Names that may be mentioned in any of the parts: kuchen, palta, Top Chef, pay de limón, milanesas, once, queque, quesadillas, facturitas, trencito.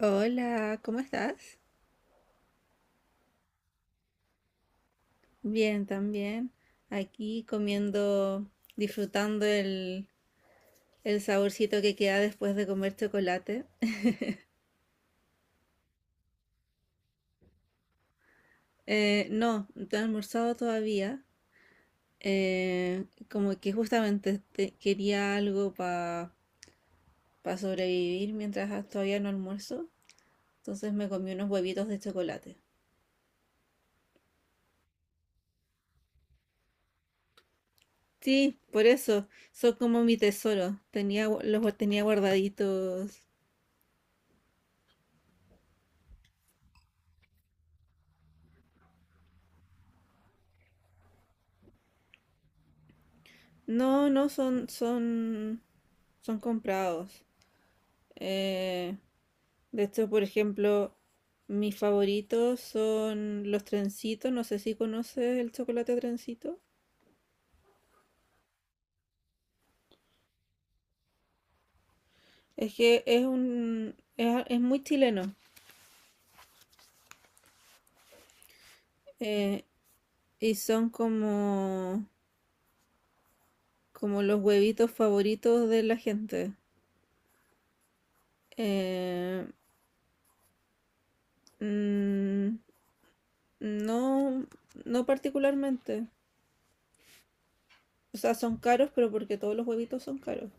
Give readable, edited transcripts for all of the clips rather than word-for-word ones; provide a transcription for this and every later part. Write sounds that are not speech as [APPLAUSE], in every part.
Hola, ¿cómo estás? Bien, también. Aquí comiendo, disfrutando el saborcito que queda después de comer chocolate. No, no he almorzado todavía. Eh, Como que justamente quería algo para sobrevivir mientras todavía no almuerzo. Entonces me comí unos huevitos de chocolate. Sí, por eso, son como mi tesoro. Tenía, gu- los gu- Tenía guardaditos. No, son comprados. Eh, de hecho, por ejemplo, mis favoritos son los trencitos. No sé si conoces el chocolate trencito. Es que es muy chileno. eh, y son como, como los huevitos favoritos de la gente. Eh, mm, no, no particularmente. O sea, son caros, pero porque todos los huevitos son caros.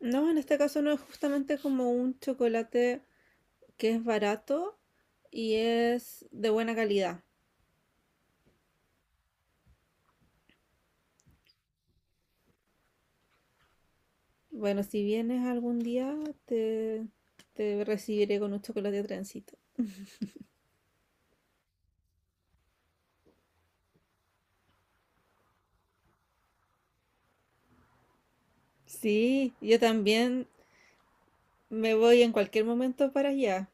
No, en este caso no es justamente como un chocolate que es barato y es de buena calidad. Bueno, si vienes algún día, te, te recibiré con un chocolate trencito. Sí, yo también me voy en cualquier momento para allá.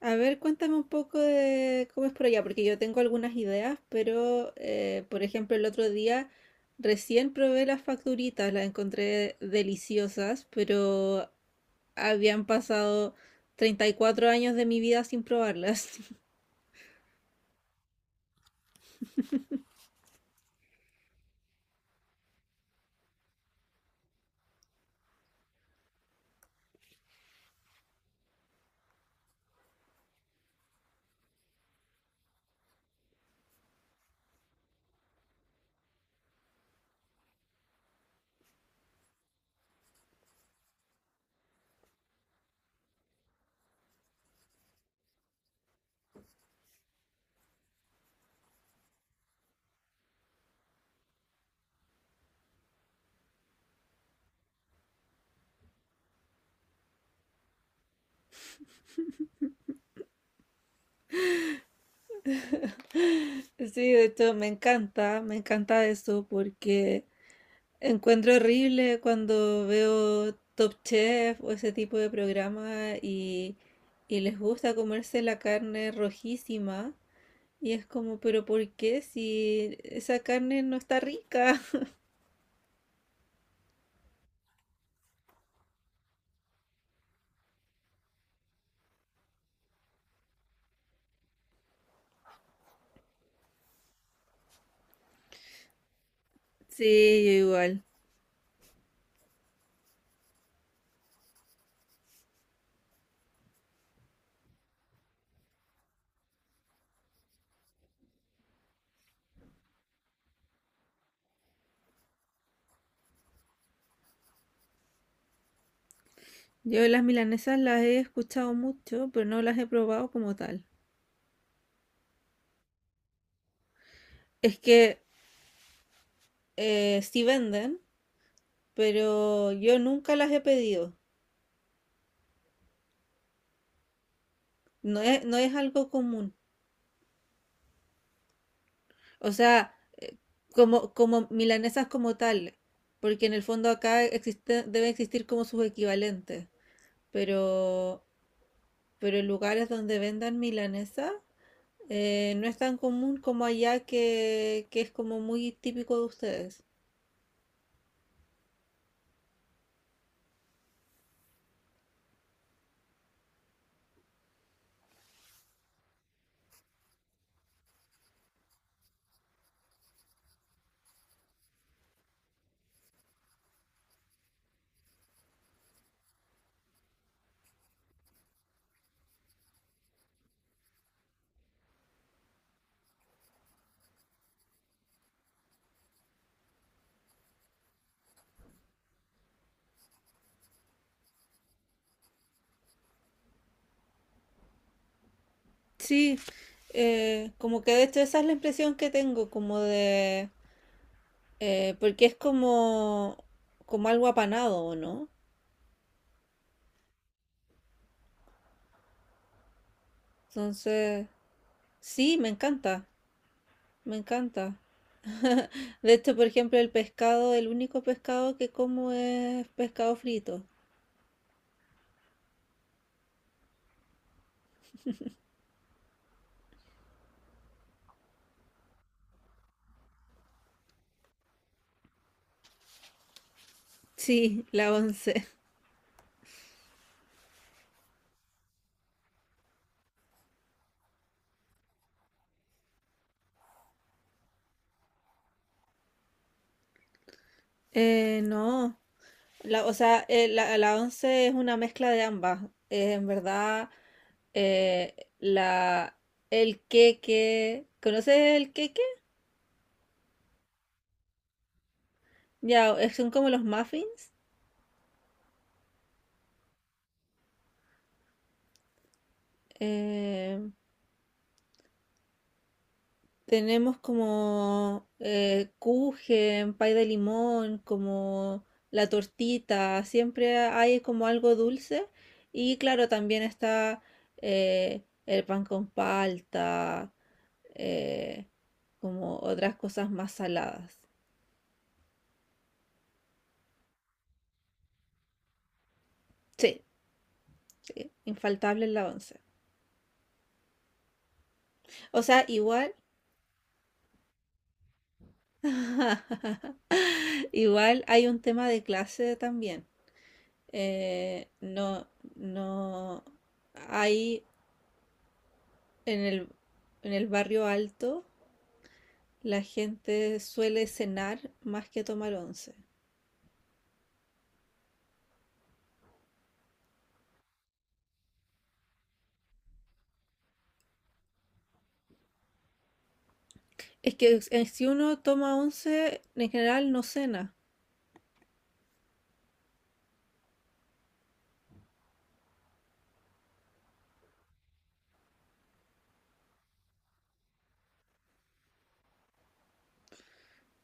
A ver, cuéntame un poco de cómo es por allá, porque yo tengo algunas ideas, pero por ejemplo, el otro día recién probé las facturitas, las encontré deliciosas, pero habían pasado 34 años de mi vida sin probarlas. [LAUGHS] Sí, de hecho me encanta eso porque encuentro horrible cuando veo Top Chef o ese tipo de programa y les gusta comerse la carne rojísima. Y es como, pero ¿por qué si esa carne no está rica? [LAUGHS] Sí, yo igual. Yo las milanesas las he escuchado mucho, pero no las he probado como tal. Es que sí venden, pero yo nunca las he pedido. No es, no es algo común. O sea, como milanesas como tal, porque en el fondo acá existe, debe existir como sus equivalentes. Pero, pero en lugares donde vendan milanesa, no es tan común como allá que es como muy típico de ustedes. Sí, como que de hecho esa es la impresión que tengo, como de... porque es como, como algo apanado, ¿o ¿no? Entonces, sí, me encanta, me encanta. De hecho, por ejemplo, el pescado, el único pescado que como es pescado frito. Sí, la once. [LAUGHS] No, o sea, la once es una mezcla de ambas. En verdad, eh, la, el queque, ¿conoces el queque? Ya, son como los muffins. eh, Tenemos como kuchen, pay de limón, como la tortita, siempre hay como algo dulce. Y claro, también está el pan con palta, eh, como otras cosas más saladas. Sí, sí, infaltable en la once. O sea, igual, [LAUGHS] igual hay un tema de clase también. No, no hay. En el, en el barrio alto, la gente suele cenar más que tomar once. Es que si uno toma once, en general no cena.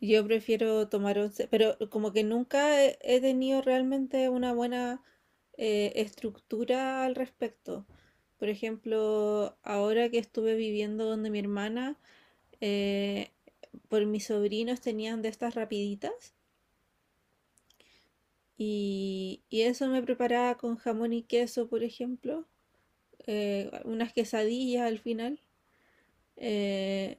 Yo prefiero tomar once, pero como que nunca he tenido realmente una buena estructura al respecto. Por ejemplo, ahora que estuve viviendo donde mi hermana, eh, por mis sobrinos tenían de estas rapiditas. Y eso me preparaba con jamón y queso, por ejemplo, unas quesadillas al final. eh,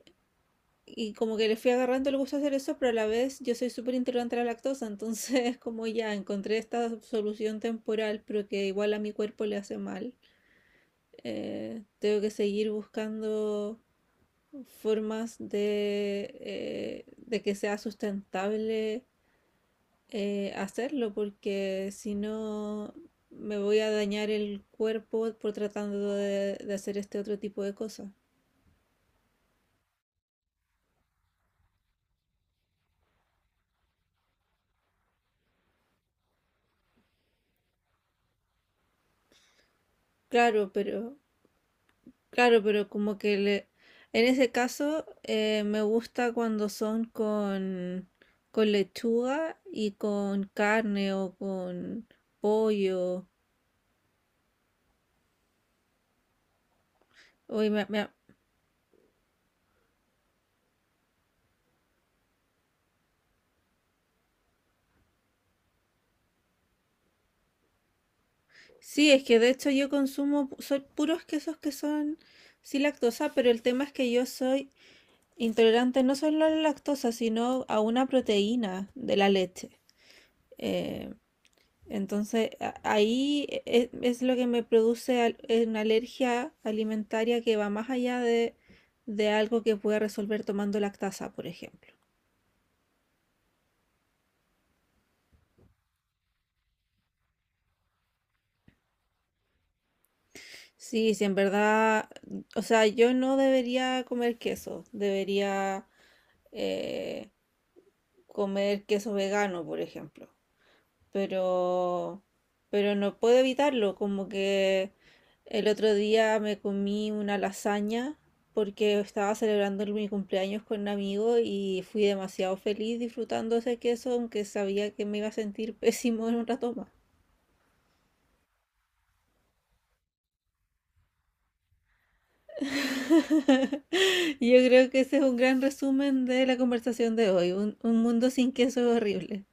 y como que le fui agarrando el gusto a hacer eso, pero a la vez yo soy súper intolerante a la lactosa, entonces [LAUGHS] como ya encontré esta solución temporal, pero que igual a mi cuerpo le hace mal, tengo que seguir buscando formas de que sea sustentable hacerlo porque si no me voy a dañar el cuerpo por tratando de hacer este otro tipo de cosas. Claro, pero claro, pero como que le, en ese caso me gusta cuando son con lechuga y con carne o con pollo. Uy, sí, es que de hecho yo consumo soy puros quesos que son sin lactosa, pero el tema es que yo soy intolerante no solo a la lactosa, sino a una proteína de la leche. Eh, entonces, ahí lo que me produce una alergia alimentaria que va más allá de algo que pueda resolver tomando lactasa, por ejemplo. Sí, sí, en verdad, o sea, yo no debería comer queso, debería eh, comer queso vegano, por ejemplo. pero, pero no puedo evitarlo, como que el otro día me comí una lasaña porque estaba celebrando mi cumpleaños con un amigo y fui demasiado feliz disfrutando ese queso, aunque sabía que me iba a sentir [LAUGHS] pésimo en un rato más. [LAUGHS] Yo creo que ese es un gran resumen de la conversación de hoy. Un mundo sin queso es horrible.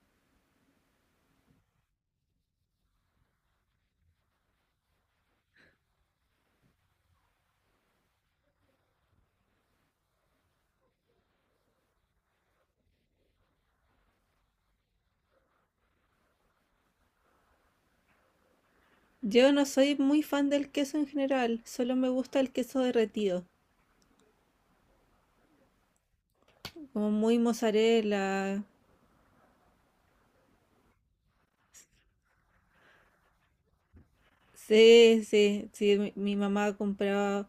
Yo no soy muy fan del queso en general, solo me gusta el queso derretido, como muy mozzarella. Sí, sí, sí, mi mamá compraba,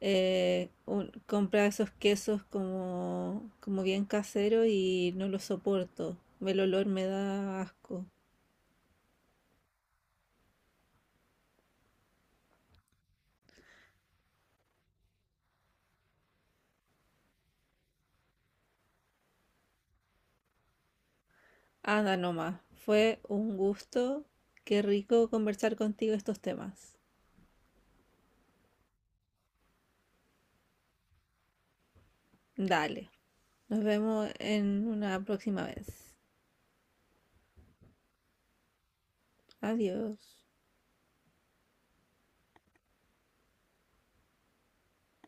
compraba esos quesos como, como bien caseros y no los soporto. El olor me da asco. Anda nomás, fue un gusto. Qué rico conversar contigo estos temas. Dale, nos vemos en una próxima vez. Adiós.